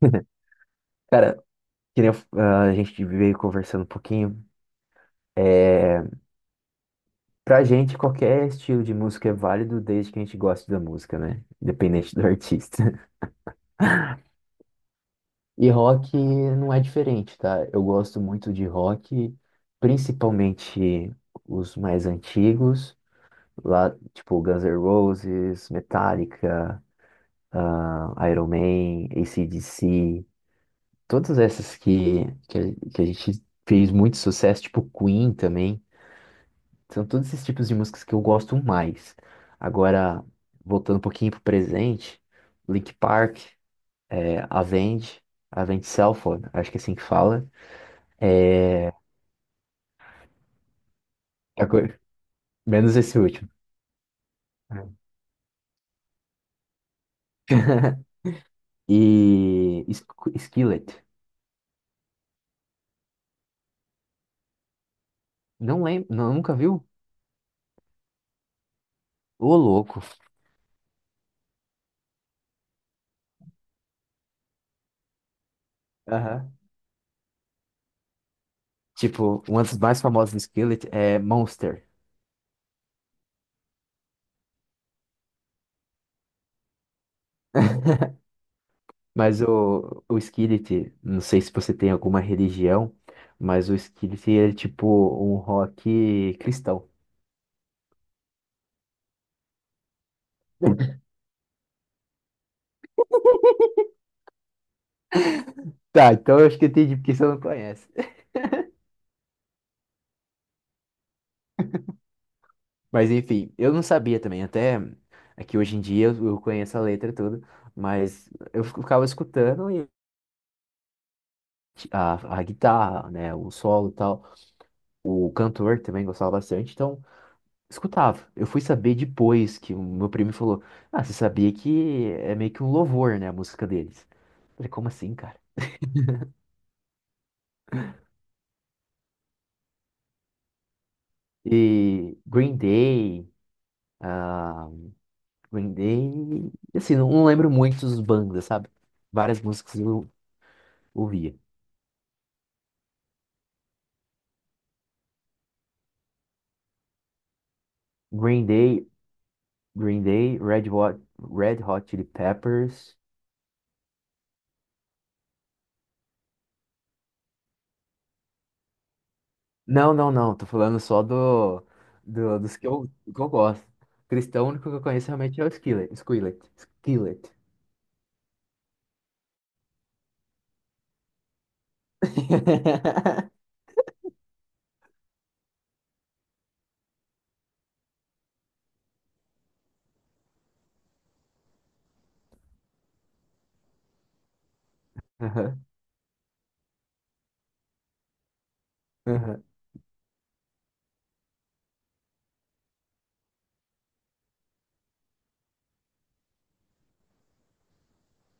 Cara, que nem eu- a gente veio conversando um pouquinho. É, Pra gente, qualquer estilo de música é válido desde que a gente goste da música, né? Independente do artista. E rock não é diferente, tá? Eu gosto muito de rock, principalmente os mais antigos, lá, tipo Guns N' Roses, Metallica, Iron Man, AC/DC, todas essas que a gente fez muito sucesso, tipo Queen também. São todos esses tipos de músicas que eu gosto mais. Agora, voltando um pouquinho pro presente, Linkin Park, é, Avenged, Avenged Sevenfold, acho que é assim que fala. É, agora- Menos esse último. É. E Skillet. Não lembro, não, nunca viu? Ô, louco. Aham. Tipo, uma das mais famosas do Skillet é Monster. Mas o Skillet, não sei se você tem alguma religião, mas o Skillet é tipo um rock cristão. Tá, então eu acho que eu entendi porque você não conhece. Mas enfim, eu não sabia também, até aqui hoje em dia eu conheço a letra toda, mas eu ficava escutando e a guitarra, né, o solo e tal. O cantor também gostava bastante, então escutava. Eu fui saber depois que o meu primo falou: ah, você sabia que é meio que um louvor, né, a música deles? Eu falei, como assim, cara? E Green Day, ah, Green Day, assim, não lembro muito dos bandas, sabe? Várias músicas eu ouvia. Green Day, Green Day, Red Hot, Red Hot Chili Peppers. Não, não, não, tô falando só dos que eu gosto. Cristão, o único que eu conheço realmente é o Skillet, Skillet. Aham, aham.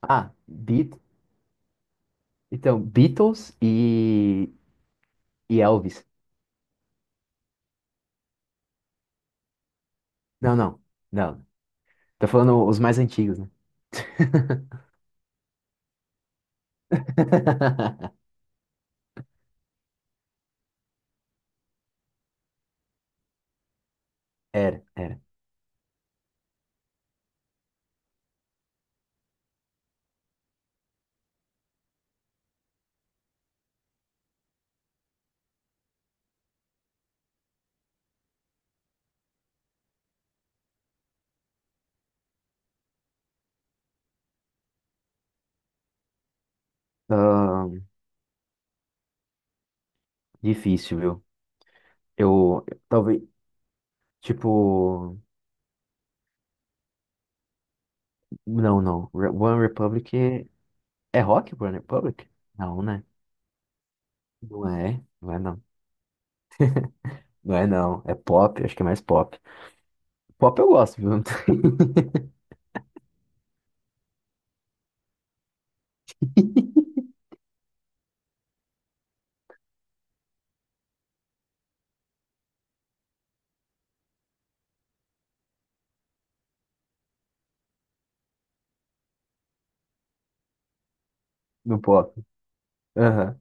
Ah, Beat... Então, Beatles e Elvis. Não, não, não. Tô falando os mais antigos, né? Era, era. Ahn, Difícil, viu? Eu, talvez, tipo, não, não. One Republic é, é rock, One Republic? Não, né? Não é não. Não é não, é pop, acho que é mais pop. Pop eu gosto, viu? No pop. Aham.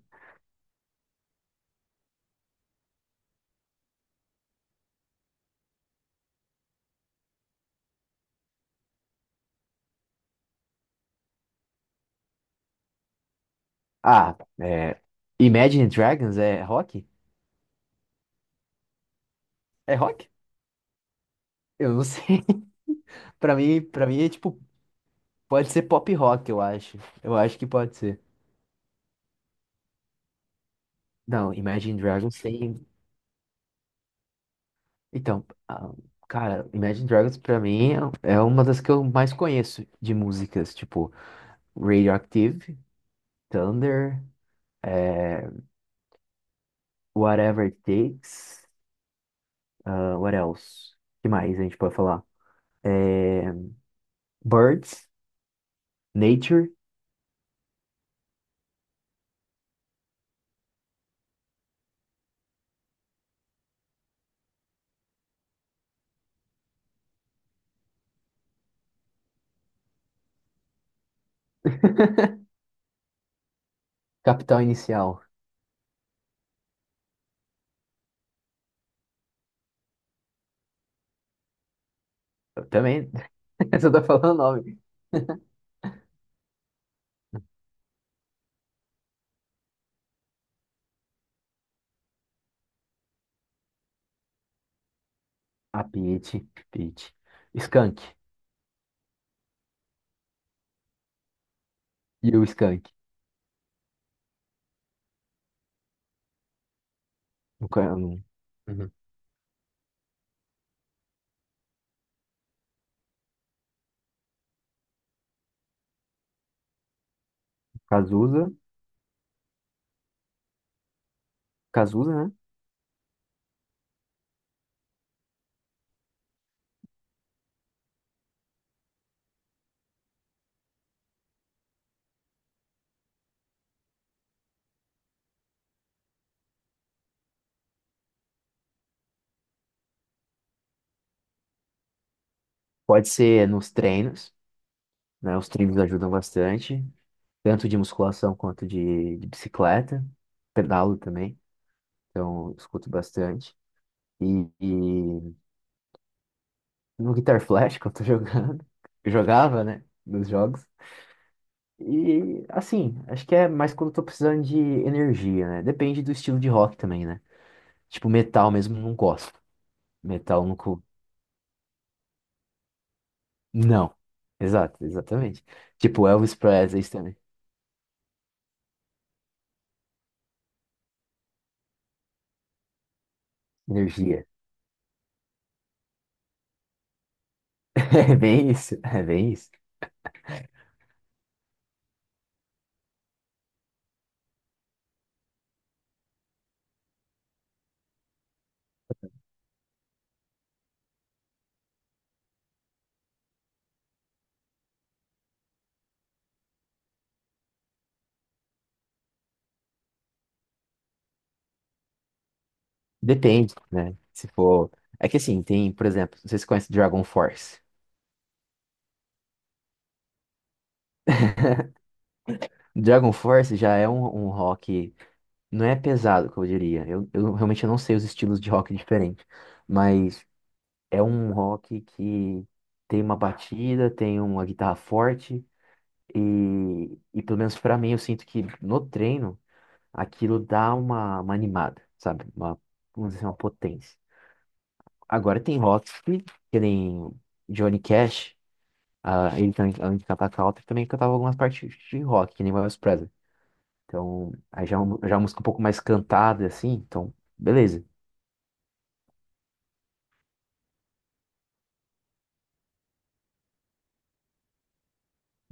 Ah, é, Imagine Dragons é rock? É rock? Eu não sei. Para mim é tipo, pode ser pop rock, eu acho. Eu acho que pode ser. Não, Imagine Dragons tem. Então, cara, Imagine Dragons pra mim é uma das que eu mais conheço de músicas, tipo Radioactive, Thunder, é, Whatever It Takes, ah, what else? Que mais a gente pode falar? É, Birds, Nature, Capital Inicial. Eu também. Você tá falando nome. A Pitty, Pitty. Skank. E o Skank. No ca- no- Uhum. Cazuza. Cazuza, né? Pode ser nos treinos, né? Os treinos ajudam bastante, tanto de musculação quanto de bicicleta. Pedalo também, então eu escuto bastante. E no Guitar Flash, que eu tô jogando, eu jogava, né? Nos jogos. E assim, acho que é mais quando eu tô precisando de energia, né? Depende do estilo de rock também, né? Tipo, metal mesmo não gosto. Metal não nunca. Não. Exato, exatamente. Tipo, Elvis Presley isso também. Energia. É bem isso, é bem isso. Depende, né? Se for. É que assim, tem, por exemplo, vocês conhecem Dragon Force. Dragon Force já é um rock. Não é pesado, que eu diria. Eu realmente não sei os estilos de rock diferentes. Mas. É um rock que tem uma batida, tem uma guitarra forte e pelo menos pra mim eu sinto que no treino aquilo dá uma animada, sabe? Uma, vamos dizer, uma potência. Agora tem rock que nem Johnny Cash, ah, ele também, além de cantar country, também cantava algumas partes de rock, que nem Elvis Presley. Então, aí já, é um- já é uma música um pouco mais cantada, assim, então, beleza.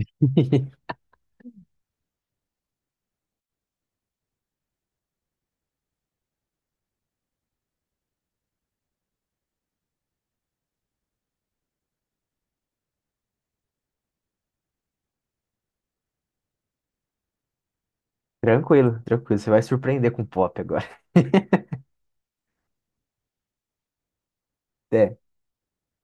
Tranquilo, tranquilo, você vai surpreender com pop agora. É.